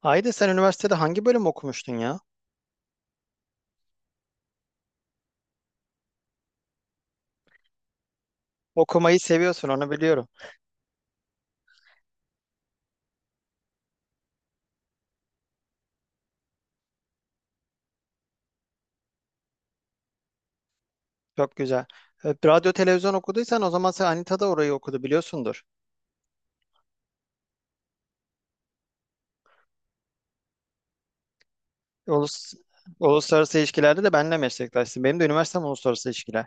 Haydi sen üniversitede hangi bölüm okumuştun ya? Okumayı seviyorsun onu biliyorum. Çok güzel. Radyo televizyon okuduysan o zaman sen Anita da orayı okudu biliyorsundur. Ulus, uluslararası ilişkilerde de benimle meslektaşsın. Benim de üniversitem uluslararası ilişkiler.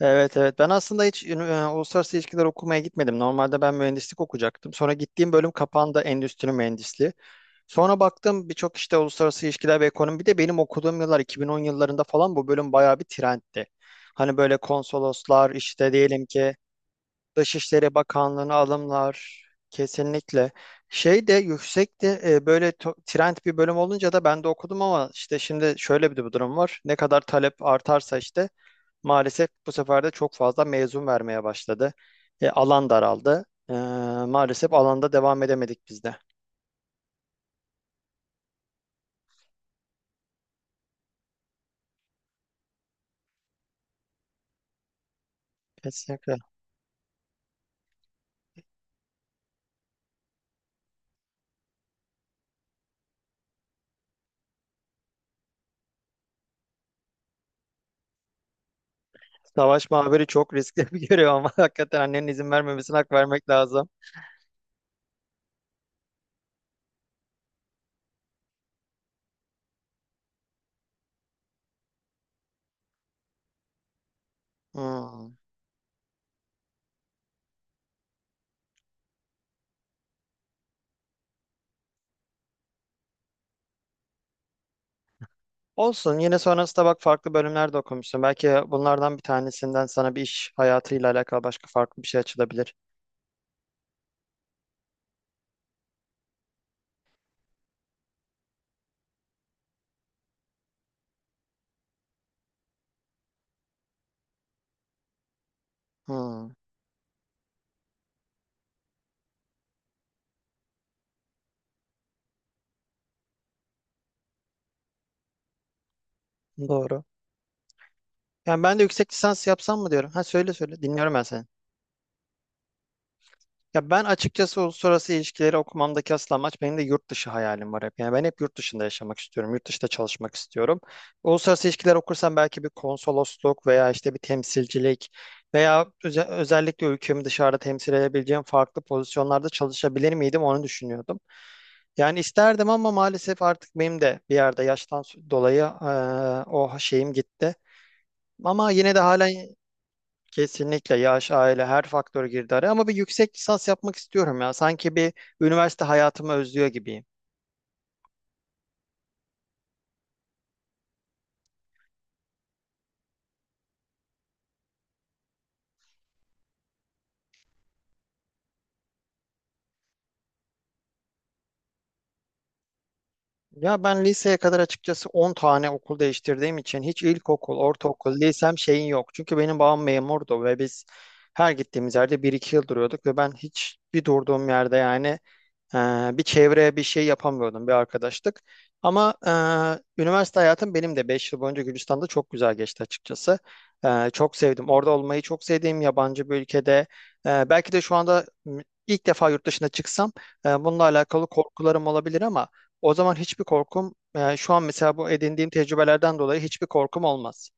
Evet evet ben aslında hiç uluslararası ilişkiler okumaya gitmedim. Normalde ben mühendislik okuyacaktım. Sonra gittiğim bölüm kapandı endüstri mühendisliği. Sonra baktım birçok işte uluslararası ilişkiler ve ekonomi. Bir de benim okuduğum yıllar 2010 yıllarında falan bu bölüm bayağı bir trendti. Hani böyle konsoloslar işte diyelim ki Dışişleri Bakanlığı'na alımlar kesinlikle. Şey de yüksekti böyle trend bir bölüm olunca da ben de okudum ama işte şimdi şöyle bir de bu durum var. Ne kadar talep artarsa işte maalesef bu sefer de çok fazla mezun vermeye başladı. Alan daraldı. E, maalesef alanda devam edemedik biz de. Kesinlikle. Savaş muhabiri çok riskli bir görev ama hakikaten annenin izin vermemesine hak vermek lazım. Hmm. Olsun. Yine sonrasında bak farklı bölümler de okumuşsun. Belki bunlardan bir tanesinden sana bir iş hayatıyla alakalı başka farklı bir şey açılabilir. Hmm, doğru. Yani ben de yüksek lisans yapsam mı diyorum. Ha söyle söyle. Dinliyorum ben seni. Ya ben açıkçası uluslararası ilişkileri okumamdaki asıl amaç benim de yurt dışı hayalim var hep. Yani ben hep yurt dışında yaşamak istiyorum. Yurt dışında çalışmak istiyorum. Uluslararası ilişkiler okursam belki bir konsolosluk veya işte bir temsilcilik veya özellikle ülkemi dışarıda temsil edebileceğim farklı pozisyonlarda çalışabilir miydim onu düşünüyordum. Yani isterdim ama maalesef artık benim de bir yerde yaştan dolayı o şeyim gitti. Ama yine de halen kesinlikle yaş, aile her faktör girdi araya. Ama bir yüksek lisans yapmak istiyorum ya. Sanki bir üniversite hayatımı özlüyor gibiyim. Ya ben liseye kadar açıkçası 10 tane okul değiştirdiğim için hiç ilkokul, ortaokul, lisem şeyin yok. Çünkü benim babam memurdu ve biz her gittiğimiz yerde bir iki yıl duruyorduk ve ben hiç bir durduğum yerde yani Bir çevreye bir şey yapamıyordum, bir arkadaşlık. Ama üniversite hayatım benim de 5 yıl boyunca Gürcistan'da çok güzel geçti açıkçası. Çok sevdim. Orada olmayı çok sevdiğim yabancı bir ülkede. Belki de şu anda ilk defa yurt dışına çıksam bununla alakalı korkularım olabilir ama o zaman hiçbir korkum, şu an mesela bu edindiğim tecrübelerden dolayı hiçbir korkum olmaz.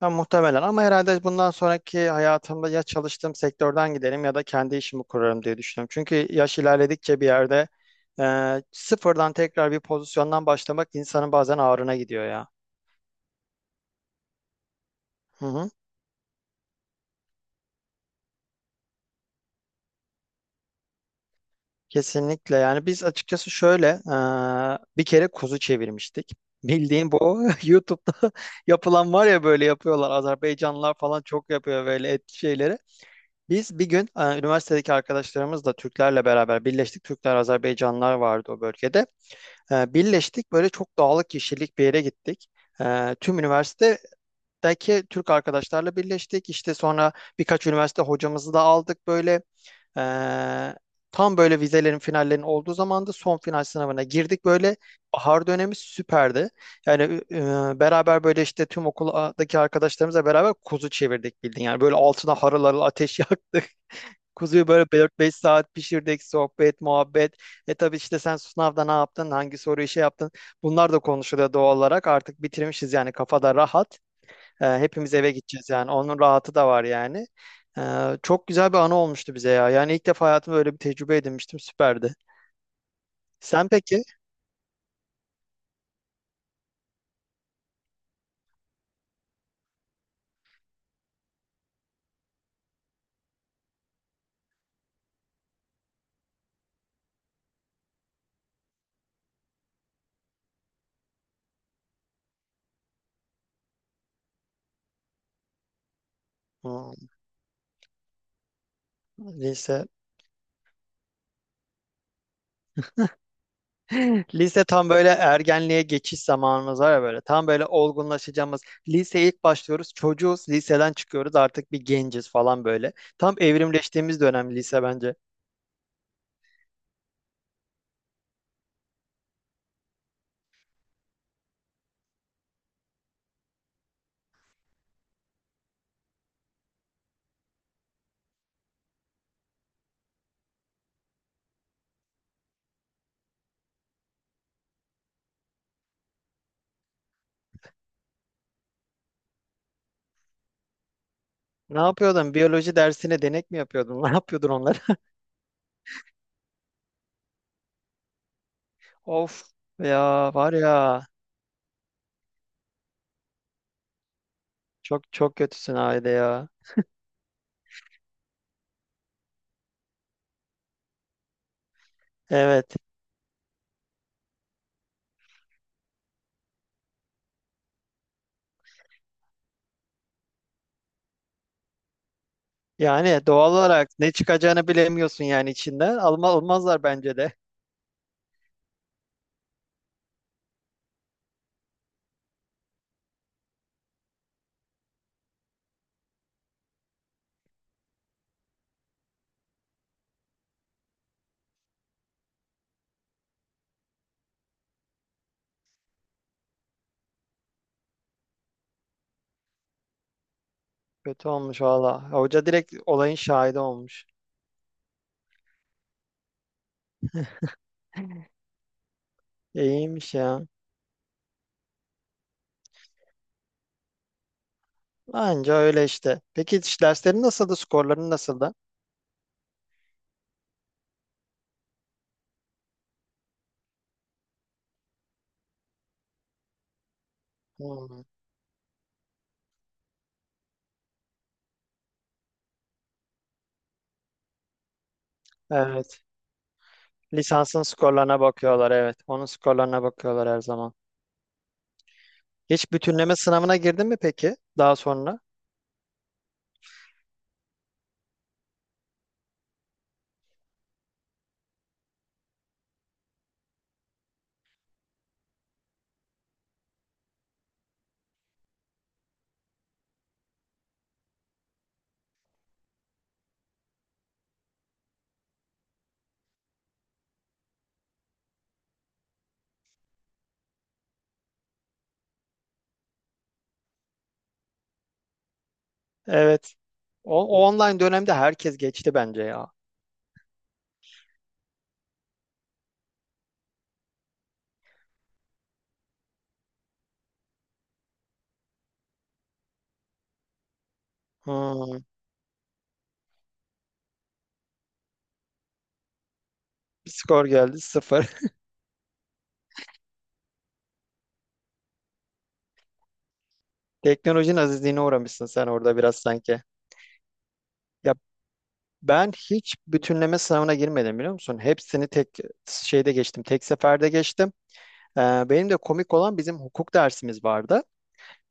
Ha, muhtemelen ama herhalde bundan sonraki hayatımda ya çalıştığım sektörden giderim ya da kendi işimi kurarım diye düşünüyorum. Çünkü yaş ilerledikçe bir yerde sıfırdan tekrar bir pozisyondan başlamak insanın bazen ağrına gidiyor ya. Hı hı. Kesinlikle yani biz açıkçası şöyle bir kere kuzu çevirmiştik. Bildiğin bu YouTube'da yapılan var ya böyle yapıyorlar Azerbaycanlılar falan çok yapıyor böyle et şeyleri. Biz bir gün üniversitedeki arkadaşlarımızla Türklerle beraber birleştik. Türkler, Azerbaycanlılar vardı o bölgede. Birleştik böyle çok dağlık kişilik bir yere gittik. Tüm üniversitedeki Türk arkadaşlarla birleştik. İşte sonra birkaç üniversite hocamızı da aldık böyle. E, tam böyle vizelerin finallerinin olduğu zamanda son final sınavına girdik böyle. Bahar dönemi süperdi. Yani beraber böyle işte tüm okuldaki arkadaşlarımızla beraber kuzu çevirdik bildiğin. Yani böyle altına harıl harıl ateş yaktık. Kuzuyu böyle 4-5 saat pişirdik, sohbet, muhabbet. E tabii işte sen sınavda ne yaptın, hangi soruyu şey yaptın. Bunlar da konuşuluyor doğal olarak. Artık bitirmişiz yani kafada rahat. Hepimiz eve gideceğiz yani. Onun rahatı da var yani. E, çok güzel bir anı olmuştu bize ya. Yani ilk defa hayatımda böyle bir tecrübe edinmiştim. Süperdi. Sen peki? Hmm, lise. Lise tam böyle ergenliğe geçiş zamanımız var ya böyle. Tam böyle olgunlaşacağımız. Liseye ilk başlıyoruz. Çocuğuz. Liseden çıkıyoruz. Artık bir genciz falan böyle. Tam evrimleştiğimiz dönem lise bence. Ne yapıyordun? Biyoloji dersine denek mi yapıyordun? Ne yapıyordun onları? Of ya var ya. Çok çok kötüsün Ayda ya. Evet. Yani doğal olarak ne çıkacağını bilemiyorsun yani içinden. Alma, almazlar bence de. Kötü olmuş valla. Hoca direkt olayın şahidi olmuş. İyiymiş ya. Anca öyle işte. Peki hiç derslerin nasıldı? Skorların nasıldı? Hmm, evet. Lisansın skorlarına bakıyorlar. Evet. Onun skorlarına bakıyorlar her zaman. Hiç bütünleme sınavına girdin mi peki? Daha sonra. Evet. O online dönemde herkes geçti bence ya. Hmm. Bir skor geldi sıfır. Teknolojinin azizliğine uğramışsın sen orada biraz sanki. Ya ben hiç bütünleme sınavına girmedim biliyor musun? Hepsini tek şeyde geçtim. Tek seferde geçtim. Ee, benim de komik olan bizim hukuk dersimiz vardı.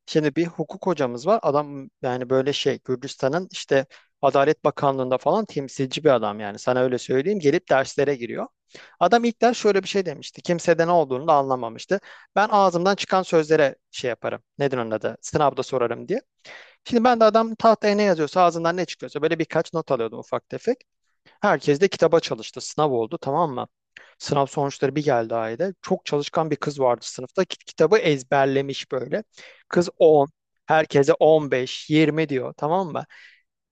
Şimdi bir hukuk hocamız var. Adam yani böyle şey Gürcistan'ın işte Adalet Bakanlığı'nda falan temsilci bir adam yani sana öyle söyleyeyim gelip derslere giriyor. Adam ilk ders şöyle bir şey demişti. Kimse de ne olduğunu da anlamamıştı. Ben ağzımdan çıkan sözlere şey yaparım. Nedir onun adı? Sınavda sorarım diye. Şimdi ben de adam tahtaya ne yazıyorsa ağzından ne çıkıyorsa böyle birkaç not alıyordum ufak tefek. Herkes de kitaba çalıştı. Sınav oldu tamam mı? Sınav sonuçları bir geldi Ayda. Çok çalışkan bir kız vardı sınıfta. Kitabı ezberlemiş böyle. Kız 10. Herkese 15, 20 diyor tamam mı?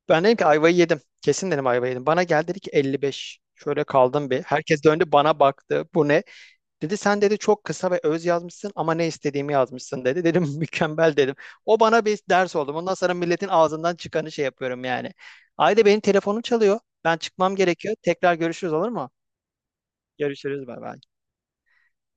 Ben dedim ki ayvayı yedim. Kesin dedim ayvayı yedim. Bana geldi dedi ki 55, şöyle kaldım bir. Herkes döndü bana baktı. Bu ne? Dedi sen dedi çok kısa ve öz yazmışsın ama ne istediğimi yazmışsın dedi. Dedim mükemmel dedim. O bana bir ders oldu. Ondan sonra milletin ağzından çıkanı şey yapıyorum yani. Ayda benim telefonum çalıyor. Ben çıkmam gerekiyor. Tekrar görüşürüz olur mu? Görüşürüz bay bay.